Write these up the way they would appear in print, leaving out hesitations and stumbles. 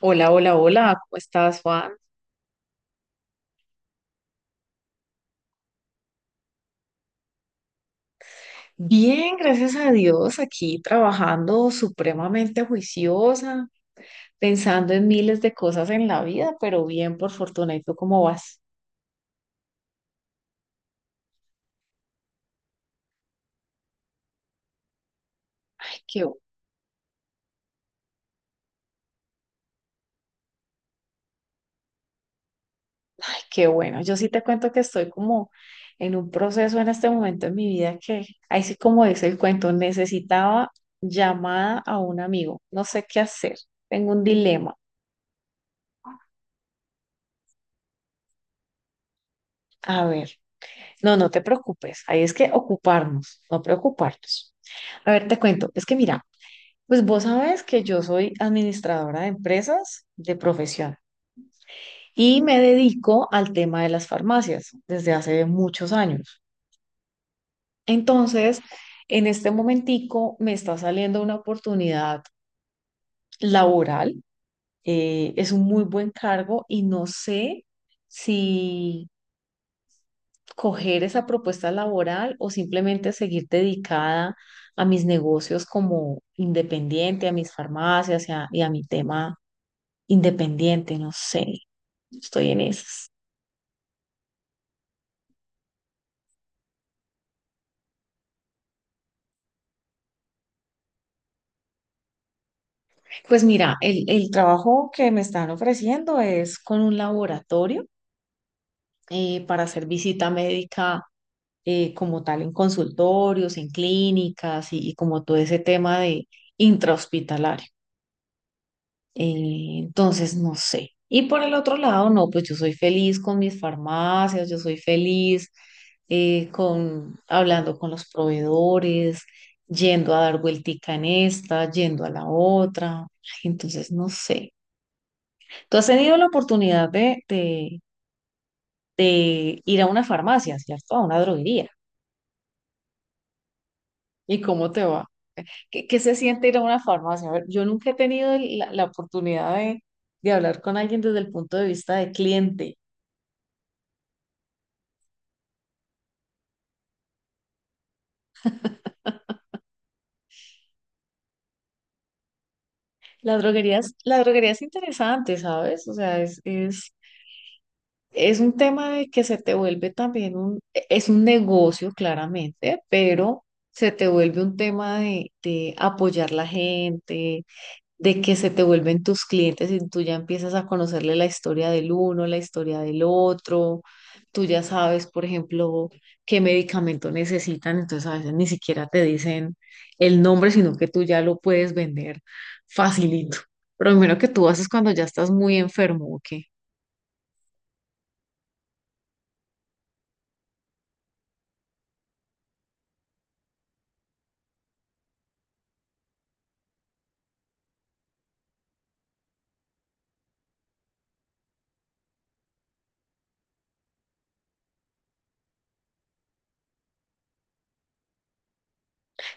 Hola, hola, hola, ¿cómo estás, Juan? Bien, gracias a Dios, aquí trabajando supremamente juiciosa, pensando en miles de cosas en la vida, pero bien, por fortuna. ¿Y tú cómo vas? Ay, qué, ay, qué bueno. Yo sí te cuento que estoy como en un proceso en este momento en mi vida que, ahí sí como dice el cuento, necesitaba llamada a un amigo. No sé qué hacer. Tengo un dilema. A ver, no te preocupes. Ahí es que ocuparnos, no preocuparnos. A ver, te cuento. Es que mira. Pues vos sabés que yo soy administradora de empresas de profesión y me dedico al tema de las farmacias desde hace muchos años. Entonces, en este momentico me está saliendo una oportunidad laboral. Es un muy buen cargo y no sé si coger esa propuesta laboral o simplemente seguir dedicada a mis negocios como independiente, a mis farmacias y a mi tema independiente, no sé. Estoy en esas. Pues mira, el trabajo que me están ofreciendo es con un laboratorio, para hacer visita médica, como tal en consultorios, en clínicas y como todo ese tema de intrahospitalario. Entonces, no sé. Y por el otro lado, no, pues yo soy feliz con mis farmacias, yo soy feliz, con hablando con los proveedores, yendo a dar vueltica en esta, yendo a la otra. Ay, entonces, no sé. Tú has tenido la oportunidad de ir a una farmacia, ¿cierto? A una droguería. ¿Y cómo te va? ¿Qué, qué se siente ir a una farmacia? A ver, yo nunca he tenido la oportunidad de hablar con alguien desde el punto de vista de cliente. La droguería es interesante, ¿sabes? O sea, es un tema de que se te vuelve también un, es un negocio claramente, pero se te vuelve un tema de apoyar la gente, de que se te vuelven tus clientes y tú ya empiezas a conocerle la historia del uno, la historia del otro, tú ya sabes, por ejemplo, qué medicamento necesitan, entonces a veces ni siquiera te dicen el nombre, sino que tú ya lo puedes vender facilito. Pero lo primero que tú haces cuando ya estás muy enfermo, ¿o qué?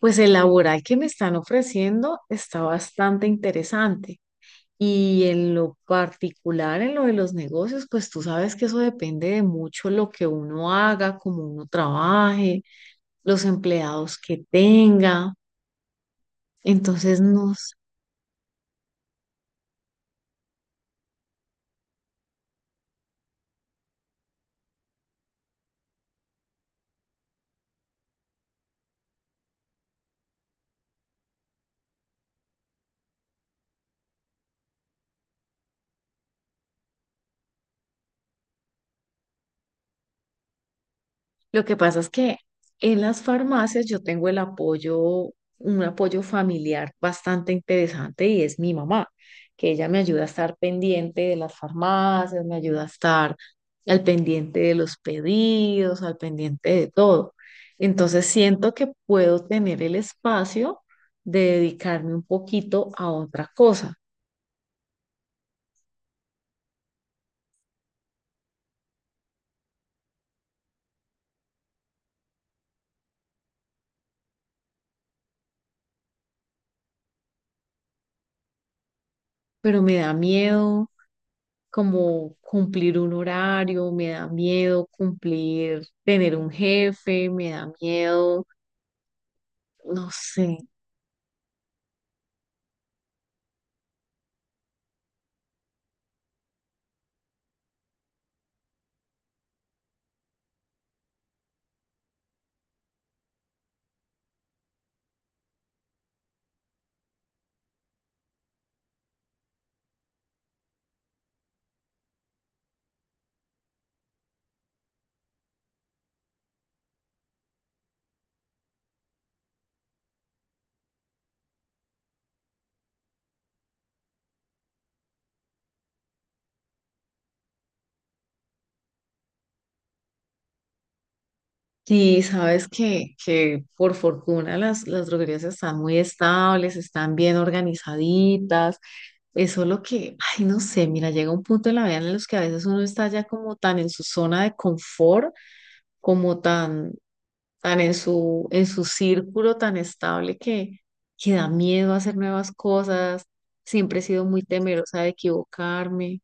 Pues el laboral que me están ofreciendo está bastante interesante. Y en lo particular, en lo de los negocios, pues tú sabes que eso depende de mucho lo que uno haga, cómo uno trabaje, los empleados que tenga. Entonces, no. Lo que pasa es que en las farmacias yo tengo el apoyo, un apoyo familiar bastante interesante y es mi mamá, que ella me ayuda a estar pendiente de las farmacias, me ayuda a estar al pendiente de los pedidos, al pendiente de todo. Entonces siento que puedo tener el espacio de dedicarme un poquito a otra cosa, pero me da miedo como cumplir un horario, me da miedo cumplir, tener un jefe, me da miedo, no sé. Y sabes que por fortuna las droguerías están muy estables, están bien organizaditas. Eso es lo que, ay, no sé, mira, llega un punto en la vida en los que a veces uno está ya como tan en su zona de confort, como tan tan en su círculo tan estable que da miedo hacer nuevas cosas. Siempre he sido muy temerosa de equivocarme.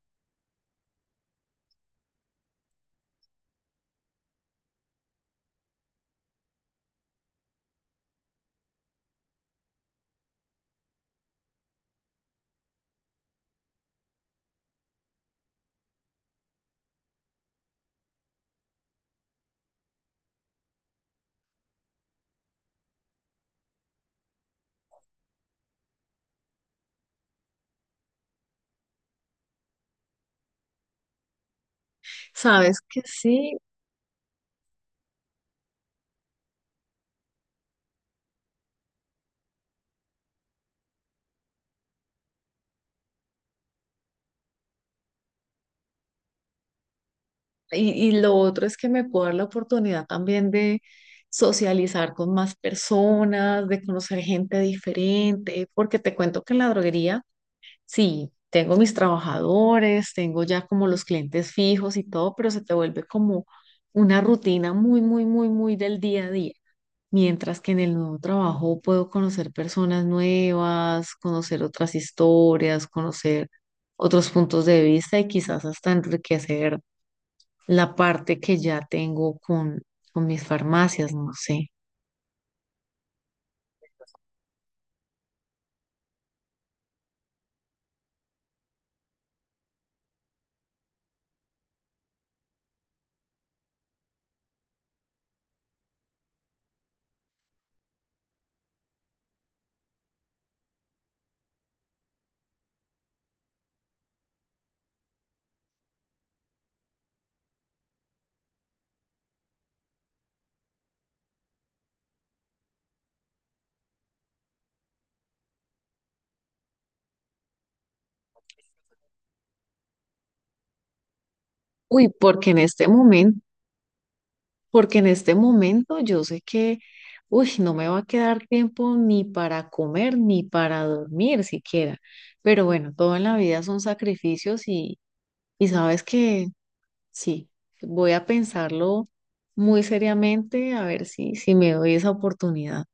Sabes que sí. Y lo otro es que me puedo dar la oportunidad también de socializar con más personas, de conocer gente diferente, porque te cuento que en la droguería, sí, tengo mis trabajadores, tengo ya como los clientes fijos y todo, pero se te vuelve como una rutina muy, muy, muy, muy del día a día. Mientras que en el nuevo trabajo puedo conocer personas nuevas, conocer otras historias, conocer otros puntos de vista y quizás hasta enriquecer la parte que ya tengo con mis farmacias, no sé. Uy, porque en este momento, porque en este momento yo sé que, uy, no me va a quedar tiempo ni para comer ni para dormir siquiera. Pero bueno, todo en la vida son sacrificios y sabes que sí, voy a pensarlo muy seriamente a ver si, si me doy esa oportunidad.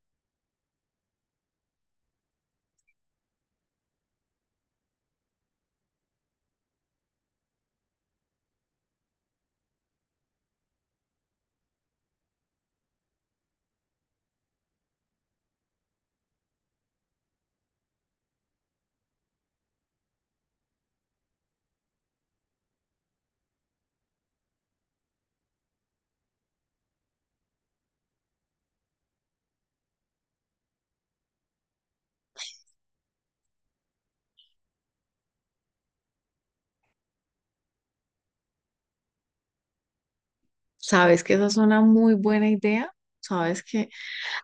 Sabes que esa es una muy buena idea. Sabes que,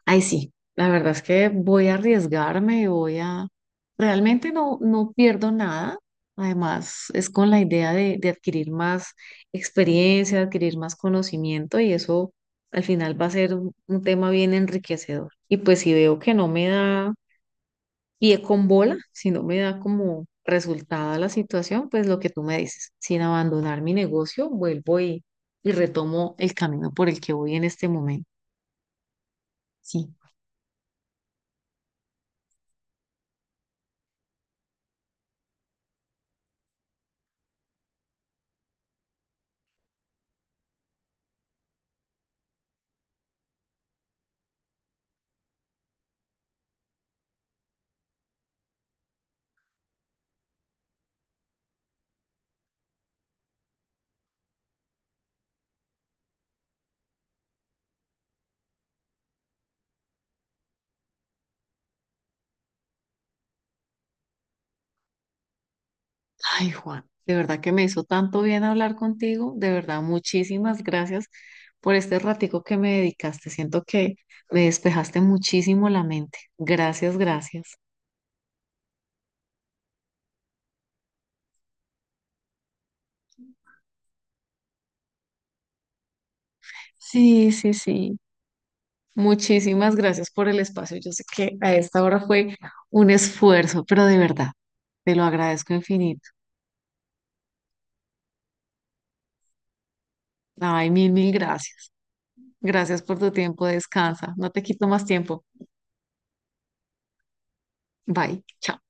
ay, sí, la verdad es que voy a arriesgarme, voy a, realmente no pierdo nada. Además, es con la idea de adquirir más experiencia, adquirir más conocimiento y eso al final va a ser un tema bien enriquecedor. Y pues si veo que no me da. Y es con bola, si no me da como resultado la situación, pues lo que tú me dices, sin abandonar mi negocio, vuelvo y retomo el camino por el que voy en este momento. Sí. Ay, Juan, de verdad que me hizo tanto bien hablar contigo, de verdad, muchísimas gracias por este ratico que me dedicaste. Siento que me despejaste muchísimo la mente. Gracias, gracias. Sí, sí, sí. Muchísimas gracias por el espacio. Yo sé que a esta hora fue un esfuerzo, pero de verdad, te lo agradezco infinito. Ay, mil, mil gracias. Gracias por tu tiempo. Descansa. No te quito más tiempo. Bye. Chao.